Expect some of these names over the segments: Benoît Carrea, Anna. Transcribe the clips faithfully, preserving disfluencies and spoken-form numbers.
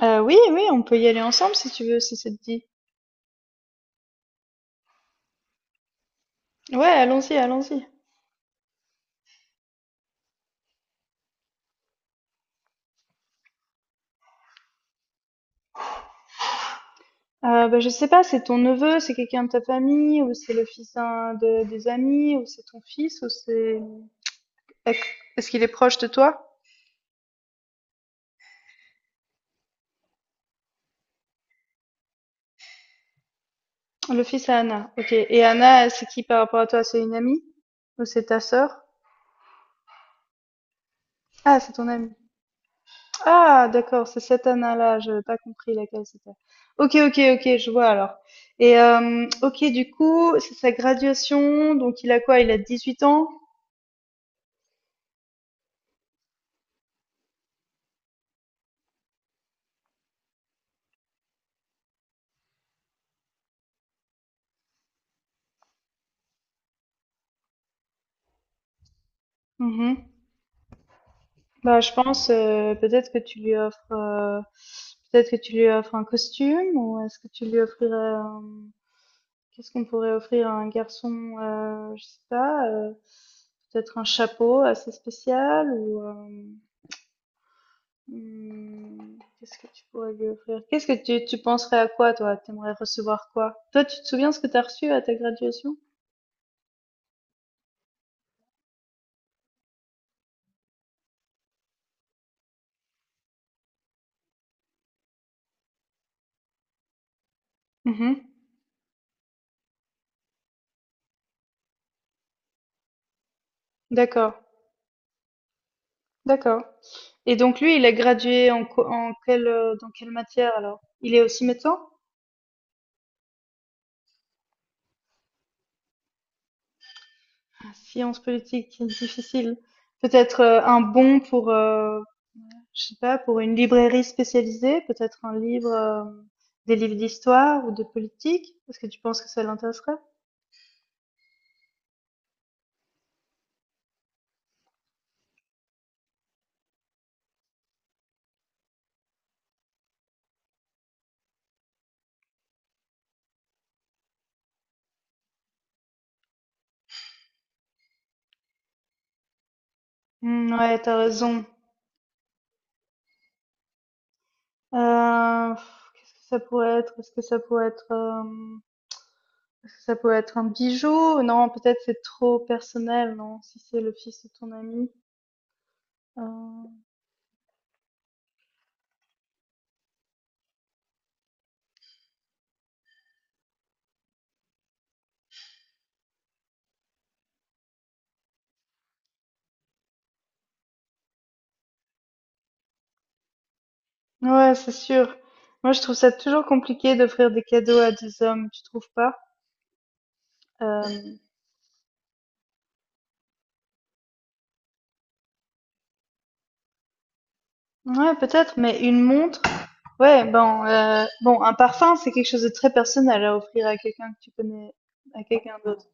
Heu, oui, oui, on peut y aller ensemble si tu veux, si ça te dit. Ouais, allons-y, allons-y. Heu, bah, je sais pas, c'est ton neveu, c'est quelqu'un de ta famille ou c'est le fils d'un de des amis ou c'est ton fils ou c'est est-ce est-ce qu'il est proche de toi? Le fils à Anna, OK et Anna, c'est qui par rapport à toi? C'est une amie? Ou c'est ta sœur? Ah, c'est ton amie. Ah d'accord, c'est cette Anna-là, je n'avais pas compris laquelle c'était. OK, OK, OK, je vois alors et hem, OK, du coup, c'est sa graduation, donc il a quoi? Il a dix-huit ans? Mmh. Bah, je pense euh, peut-être que tu lui offres euh, peut-être que tu lui offres un costume ou est-ce que tu lui offrirais un- qu'est-ce qu'on pourrait offrir à un garçon euh, je sais pas euh, peut-être un chapeau assez spécial ou euh, hmm, qu'est-ce que tu pourrais lui offrir? Qu'est-ce que tu tu penserais à quoi toi? T'aimerais recevoir quoi? Toi, tu te souviens ce que t'as reçu à ta graduation? Mhm. D'accord, d'accord. Et donc lui, il est gradué en, co- en quelle euh, dans quelle matière alors? Il est aussi médecin? Science politique difficile. Peut-être euh, un bon pour, euh, je sais pas, pour une librairie spécialisée, peut-être un livre, euh, des livres d'histoire ou de politique. Est-ce que tu penses que ça l'intéresserait? Hmm, ouais, t'as raison. Euh, pff, qu'est-ce que ça pourrait être? Est-ce que ça pourrait être, euh, est-ce que ça pourrait être un bijou? Non, peut-être c'est trop personnel, non? Si c'est le fils de ton ami. Euh, ouais, c'est sûr. Moi, je trouve ça toujours compliqué d'offrir des cadeaux à des hommes, tu trouves pas? Euh, Ouais, peut-être, mais une montre, ouais, bon, euh, bon, un parfum, c'est quelque chose de très personnel à offrir à quelqu'un que tu connais, à quelqu'un d'autre.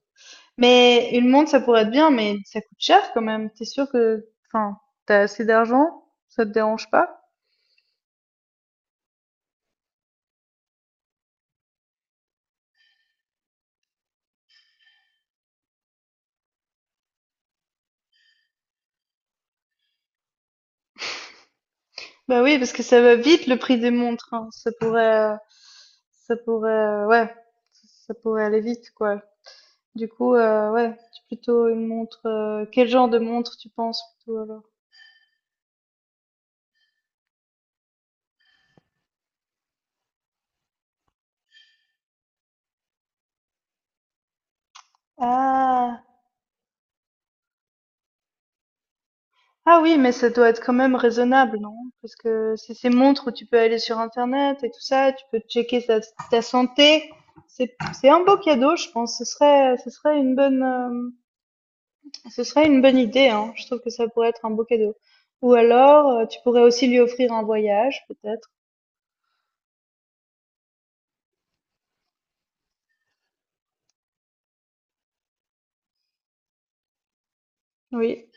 Mais une montre, ça pourrait être bien, mais ça coûte cher quand même. T'es sûr que, enfin, t'as assez d'argent? Ça te dérange pas? Bah oui, parce que ça va vite le prix des montres, hein. Ça pourrait, euh, ça pourrait, euh, ouais, ça pourrait aller vite, quoi. Du coup, euh, ouais, c'est plutôt une montre. Euh, quel genre de montre tu penses plutôt alors? Ah oui, mais ça doit être quand même raisonnable, non? Parce que c'est ces montres où tu peux aller sur Internet et tout ça, tu peux checker ta, ta santé. C'est, c'est un beau cadeau, je pense. Ce serait, ce serait une bonne, euh, ce serait une bonne idée, hein. Je trouve que ça pourrait être un beau cadeau. Ou alors, euh, tu pourrais aussi lui offrir un voyage, peut-être. Oui,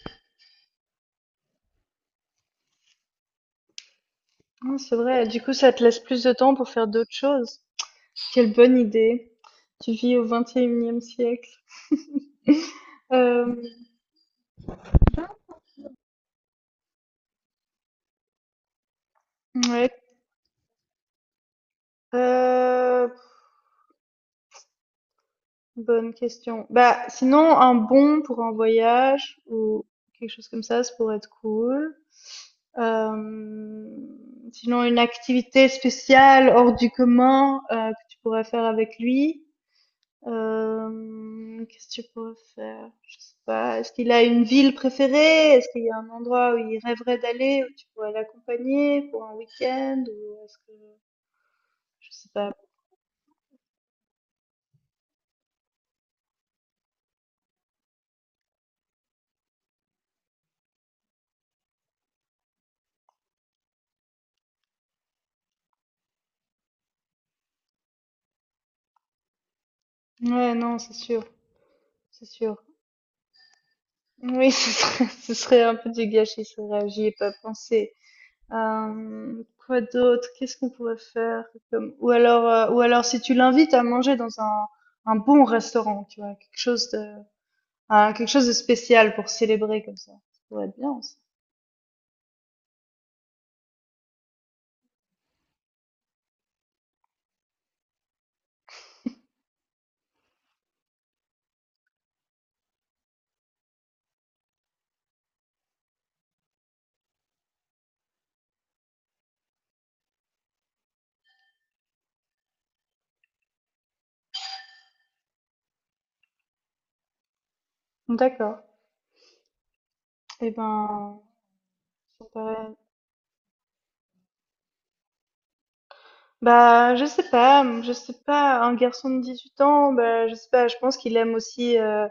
hum, c'est vrai. Du coup, ça te laisse plus de temps pour faire d'autres choses. Quelle bonne idée. Tu vis au vingt et unième siècle. Euh, ouais. Euh, Bonne question. Bah, sinon, un bon pour un voyage ou quelque chose comme ça, ça pourrait être cool. Euh, Sinon, une activité spéciale hors du commun euh, que tu pourrais faire avec lui. Euh, qu'est-ce que tu pourrais faire? Je sais pas. Est-ce qu'il a une ville préférée? Est-ce qu'il y a un endroit où il rêverait d'aller, où tu pourrais l'accompagner pour un week-end? Ou est-ce que... je sais pas. Ouais, non, c'est sûr. C'est sûr. Oui, ce serait, ce serait un peu du gâchis, c'est vrai, j'y ai pas pensé. Euh, quoi d'autre? Qu'est-ce qu'on pourrait faire comme... ou alors, euh, ou alors si tu l'invites à manger dans un, un bon restaurant, tu vois, quelque chose de, un- quelque chose de spécial pour célébrer comme ça. Ça pourrait être bien aussi. D'accord. Eh ben, bah, je sais pas, mmh, je sais pas, un garçon de dix-huit ans, bah, je sais pas, je pense qu'il aime aussi, heu,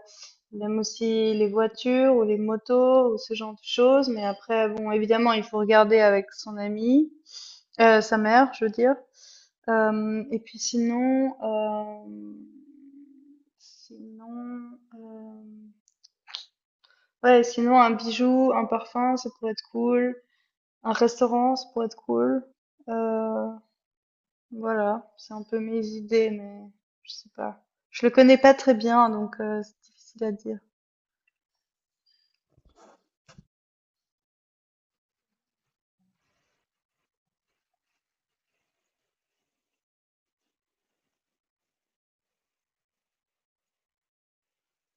il aime aussi les voitures ou les motos ou ce genre de choses, mais après bon, évidemment, il faut regarder avec son ami, heu, sa mère, je veux dire. Hem, et puis sinon, hem, sinon, hem, ouais, sinon un bijou, un parfum, ça pourrait être cool, un restaurant, ça pourrait être cool, heu voilà, c'est un peu mes idées, mais je sais pas. Je le connais pas très bien, donc euh, c'est difficile à dire.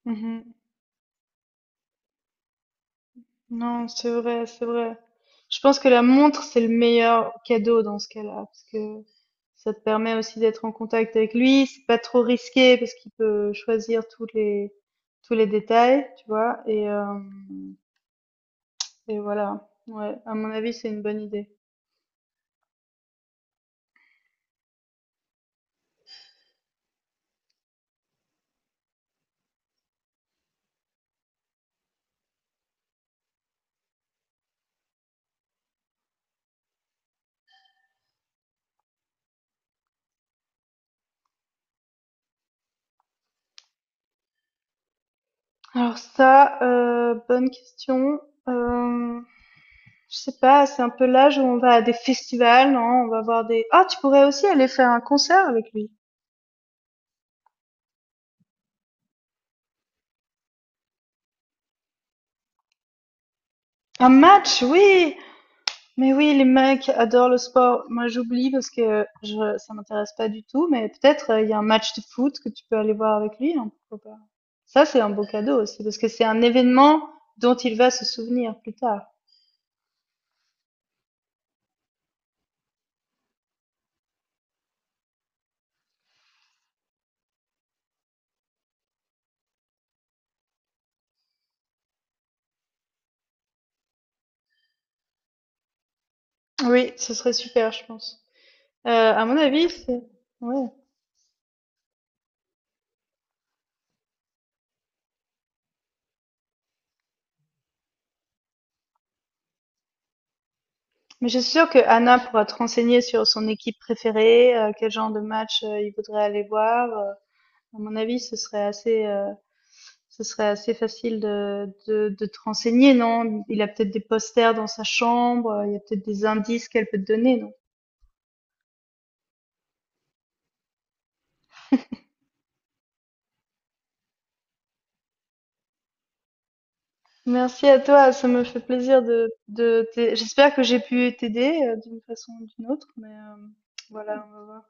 Mhm. Non, c'est vrai, c'est vrai. Je pense que la montre, c'est le meilleur cadeau dans ce cas-là, parce que ça te permet aussi d'être en contact avec lui. C'est pas trop risqué parce qu'il peut choisir tous les tous les détails, tu vois. Et euh, et voilà. Ouais, à mon avis, c'est une bonne idée. Alors ça, euh, bonne question. Euh, Je sais pas, c'est un peu l'âge où on va à des festivals, non? On va voir des... ah, tu pourrais aussi aller faire un concert avec lui. Un match, oui! Mais oui, les mecs adorent le sport. Moi, j'oublie parce que je, ça m'intéresse pas du tout, mais peut-être euh, il y a un match de foot que tu peux aller voir avec lui, hein, pourquoi pas. Ça, c'est un beau cadeau aussi parce que c'est un événement dont il va se souvenir plus tard. Oui, ce serait super, je pense. Euh, à mon avis, c'est... ouais. Mais je suis sûre que Anna pourra te renseigner sur son équipe préférée, euh, quel genre de match euh, il voudrait aller voir. Euh, à mon avis, ce serait assez, euh, ce serait assez facile de, de, de te renseigner, non? Il a peut-être des posters dans sa chambre, euh, il y a peut-être des indices qu'elle peut te donner, non? Merci à toi, ça me fait plaisir de, de t'aider. J'espère que j'ai pu t'aider euh, d'une façon ou d'une autre, mais euh, voilà, on va voir.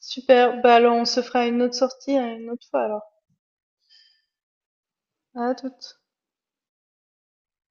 Super, bah alors on se fera une autre sortie, hein, une autre fois alors. À toutes.